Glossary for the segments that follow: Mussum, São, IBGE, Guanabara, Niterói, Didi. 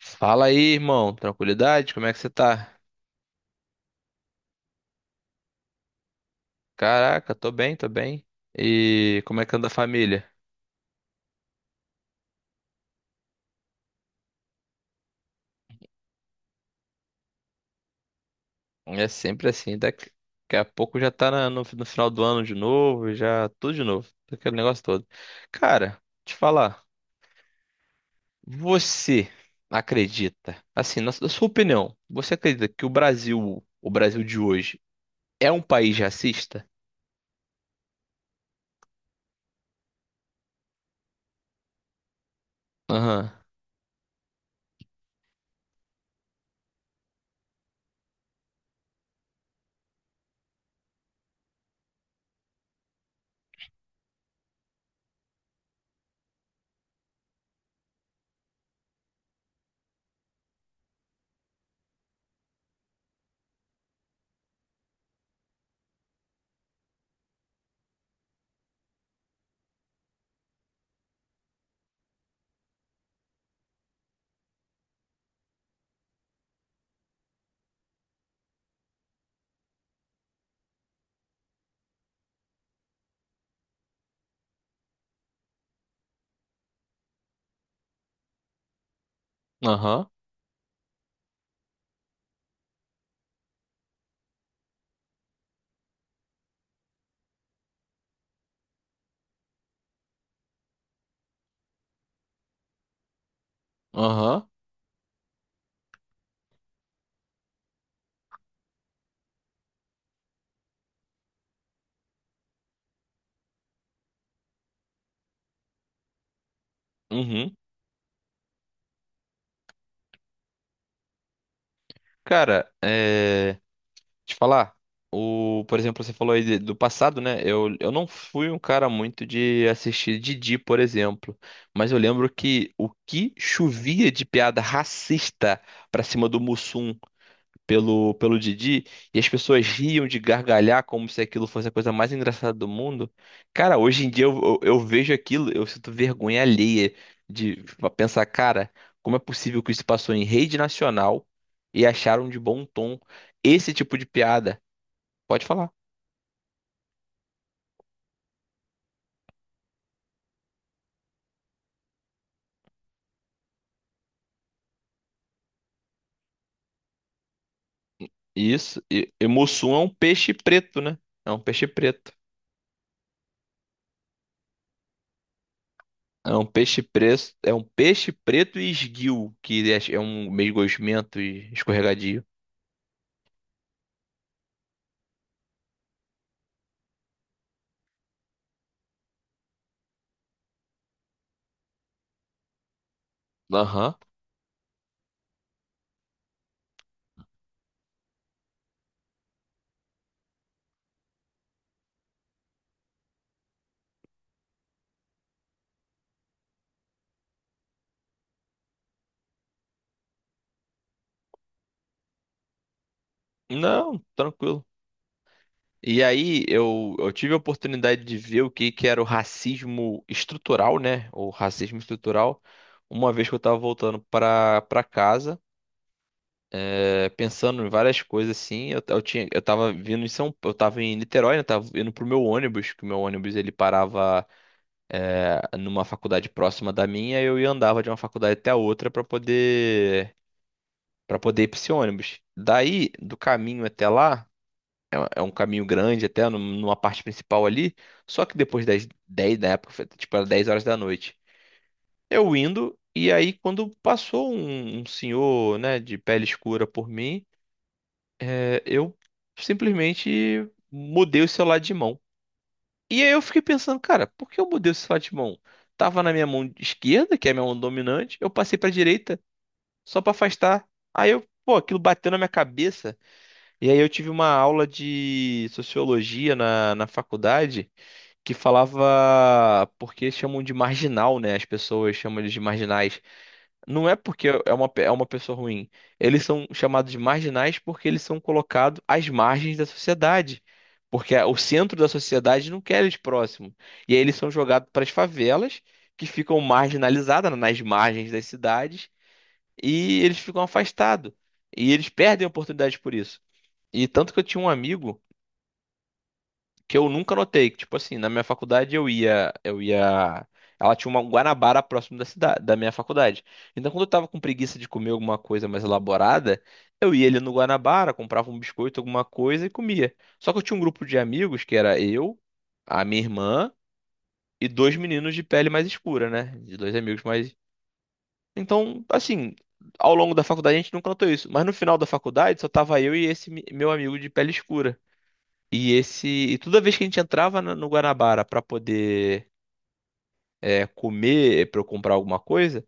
Fala aí, irmão. Tranquilidade? Como é que você tá? Caraca, tô bem, tô bem. E como é que anda a família? É sempre assim, daqui a pouco já tá no final do ano de novo, já tudo de novo, aquele negócio todo. Cara, te falar, você acredita, assim, na sua opinião, você acredita que o Brasil de hoje, é um país racista? Aham, aham, aham, uhum. Cara, é. Te falar, por exemplo, você falou aí do passado, né? Eu não fui um cara muito de assistir Didi, por exemplo, mas eu lembro que o que chovia de piada racista pra cima do Mussum pelo Didi, e as pessoas riam de gargalhar como se aquilo fosse a coisa mais engraçada do mundo. Cara, hoje em dia eu vejo aquilo, eu sinto vergonha alheia de pensar, cara, como é possível que isso passou em rede nacional e acharam de bom tom esse tipo de piada? Pode falar. Isso. E mussum é um peixe preto, né? É um peixe preto. É um peixe preto. É um peixe preto e esguio, que é um meio gosmento e escorregadio. Aham. Não, tranquilo. E aí eu tive a oportunidade de ver o que, que era o racismo estrutural, né? O racismo estrutural, uma vez que eu tava voltando pra casa. É, pensando em várias coisas assim. Eu tinha, eu tava vindo em São, eu tava em Niterói, né? Tava indo pro meu ônibus, que o meu ônibus ele parava numa faculdade próxima da minha, e eu ia andava de uma faculdade até a outra pra poder para poder ir pra esse ônibus. Daí, do caminho até lá, é, é um caminho grande até numa parte principal ali, só que depois das 10 da época, foi, tipo, era 10 horas da noite. Eu indo. E aí, quando passou um senhor, né, de pele escura por mim, é, eu simplesmente mudei o celular de mão. E aí eu fiquei pensando, cara, por que eu mudei o celular de mão? Tava na minha mão esquerda, que é a minha mão dominante, eu passei pra direita só pra afastar. Aí eu, pô, aquilo bateu na minha cabeça. E aí eu tive uma aula de sociologia na faculdade que falava porque chamam de marginal, né? As pessoas chamam eles de marginais. Não é porque é uma, é uma pessoa ruim. Eles são chamados de marginais porque eles são colocados às margens da sociedade. Porque o centro da sociedade não quer eles próximos. E aí eles são jogados para as favelas, que ficam marginalizadas, né, nas margens das cidades, e eles ficam afastados. E eles perdem oportunidades por isso. E tanto que eu tinha um amigo que eu nunca notei, que tipo assim, na minha faculdade eu ia, ela tinha uma um Guanabara próximo da cidade, da minha faculdade. Então quando eu tava com preguiça de comer alguma coisa mais elaborada, eu ia ali no Guanabara, comprava um biscoito, alguma coisa e comia. Só que eu tinha um grupo de amigos que era eu, a minha irmã e dois meninos de pele mais escura, né? De dois amigos mais. Então, assim, ao longo da faculdade a gente nunca notou isso, mas no final da faculdade só tava eu e esse meu amigo de pele escura. E esse, e toda vez que a gente entrava no Guanabara para poder comer, para eu comprar alguma coisa,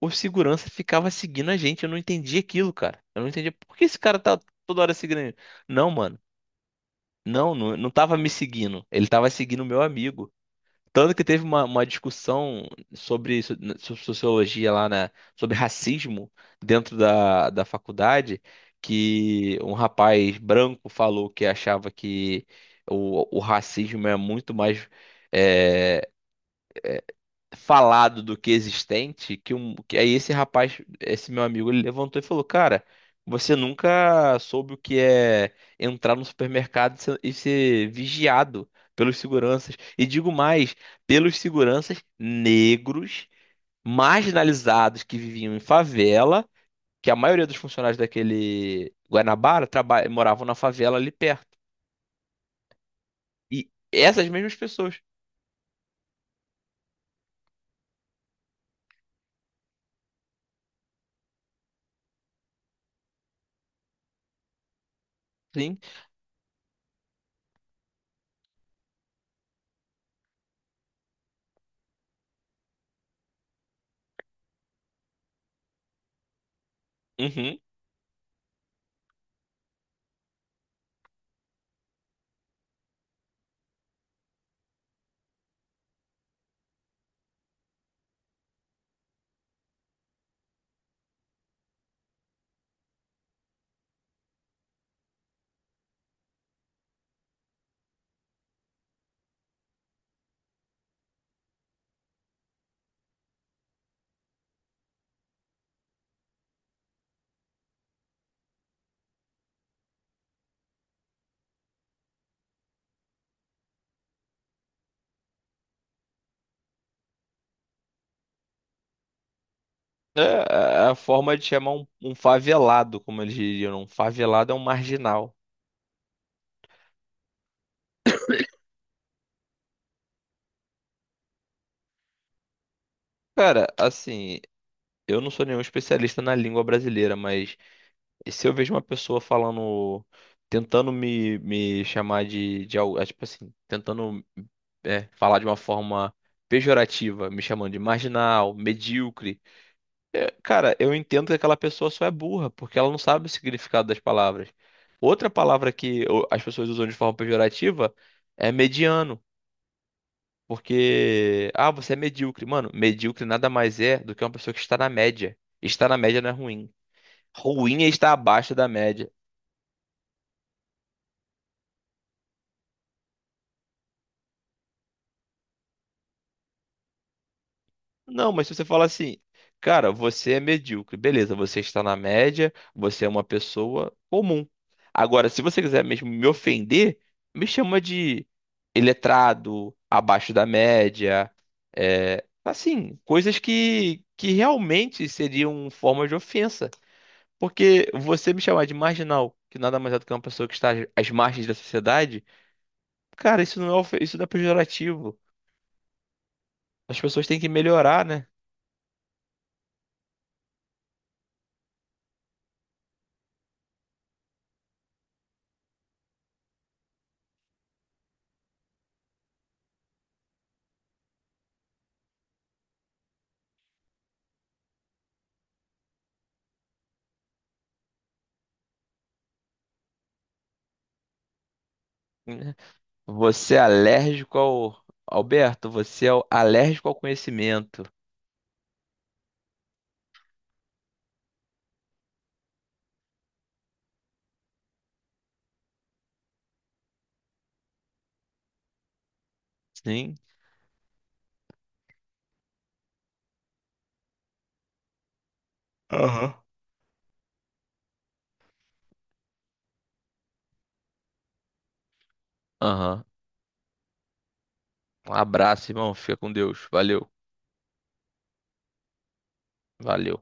o segurança ficava seguindo a gente. Eu não entendia aquilo, cara. Eu não entendia por que esse cara tá toda hora seguindo a gente? Não, mano. Não, não, não tava me seguindo. Ele tava seguindo o meu amigo. Tanto que teve uma discussão sobre, sobre sociologia lá, né? Sobre racismo dentro da faculdade, que um rapaz branco falou que achava que o racismo é muito mais, eh, falado do que existente, que aí esse rapaz, esse meu amigo, ele levantou e falou, cara, você nunca soube o que é entrar no supermercado e ser vigiado pelos seguranças. E digo mais, pelos seguranças negros, marginalizados que viviam em favela, que a maioria dos funcionários daquele Guanabara moravam na favela ali perto. E essas mesmas pessoas, sim. Uhum. É é, é a forma de chamar um favelado, como eles diriam. Um favelado é um marginal. Cara, assim, eu não sou nenhum especialista na língua brasileira, mas se eu vejo uma pessoa falando, tentando me chamar de algo, é, tipo assim, tentando é, falar de uma forma pejorativa, me chamando de marginal, medíocre. É, cara, eu entendo que aquela pessoa só é burra, porque ela não sabe o significado das palavras. Outra palavra que as pessoas usam de forma pejorativa é mediano, porque, ah, você é medíocre. Mano, medíocre nada mais é do que uma pessoa que está na média. Estar na média não é ruim. Ruim é estar abaixo da média. Não, mas se você falar assim, cara, você é medíocre, beleza, você está na média, você é uma pessoa comum. Agora, se você quiser mesmo me ofender, me chama de iletrado, abaixo da média, é, assim, coisas que realmente seriam forma de ofensa. Porque você me chamar de marginal, que nada mais é do que uma pessoa que está às margens da sociedade, cara, isso não é, isso não é pejorativo. As pessoas têm que melhorar, né? Você é alérgico ao. Alberto, você é alérgico ao conhecimento. Sim? Aham. Aham. Um abraço, irmão. Fica com Deus. Valeu. Valeu.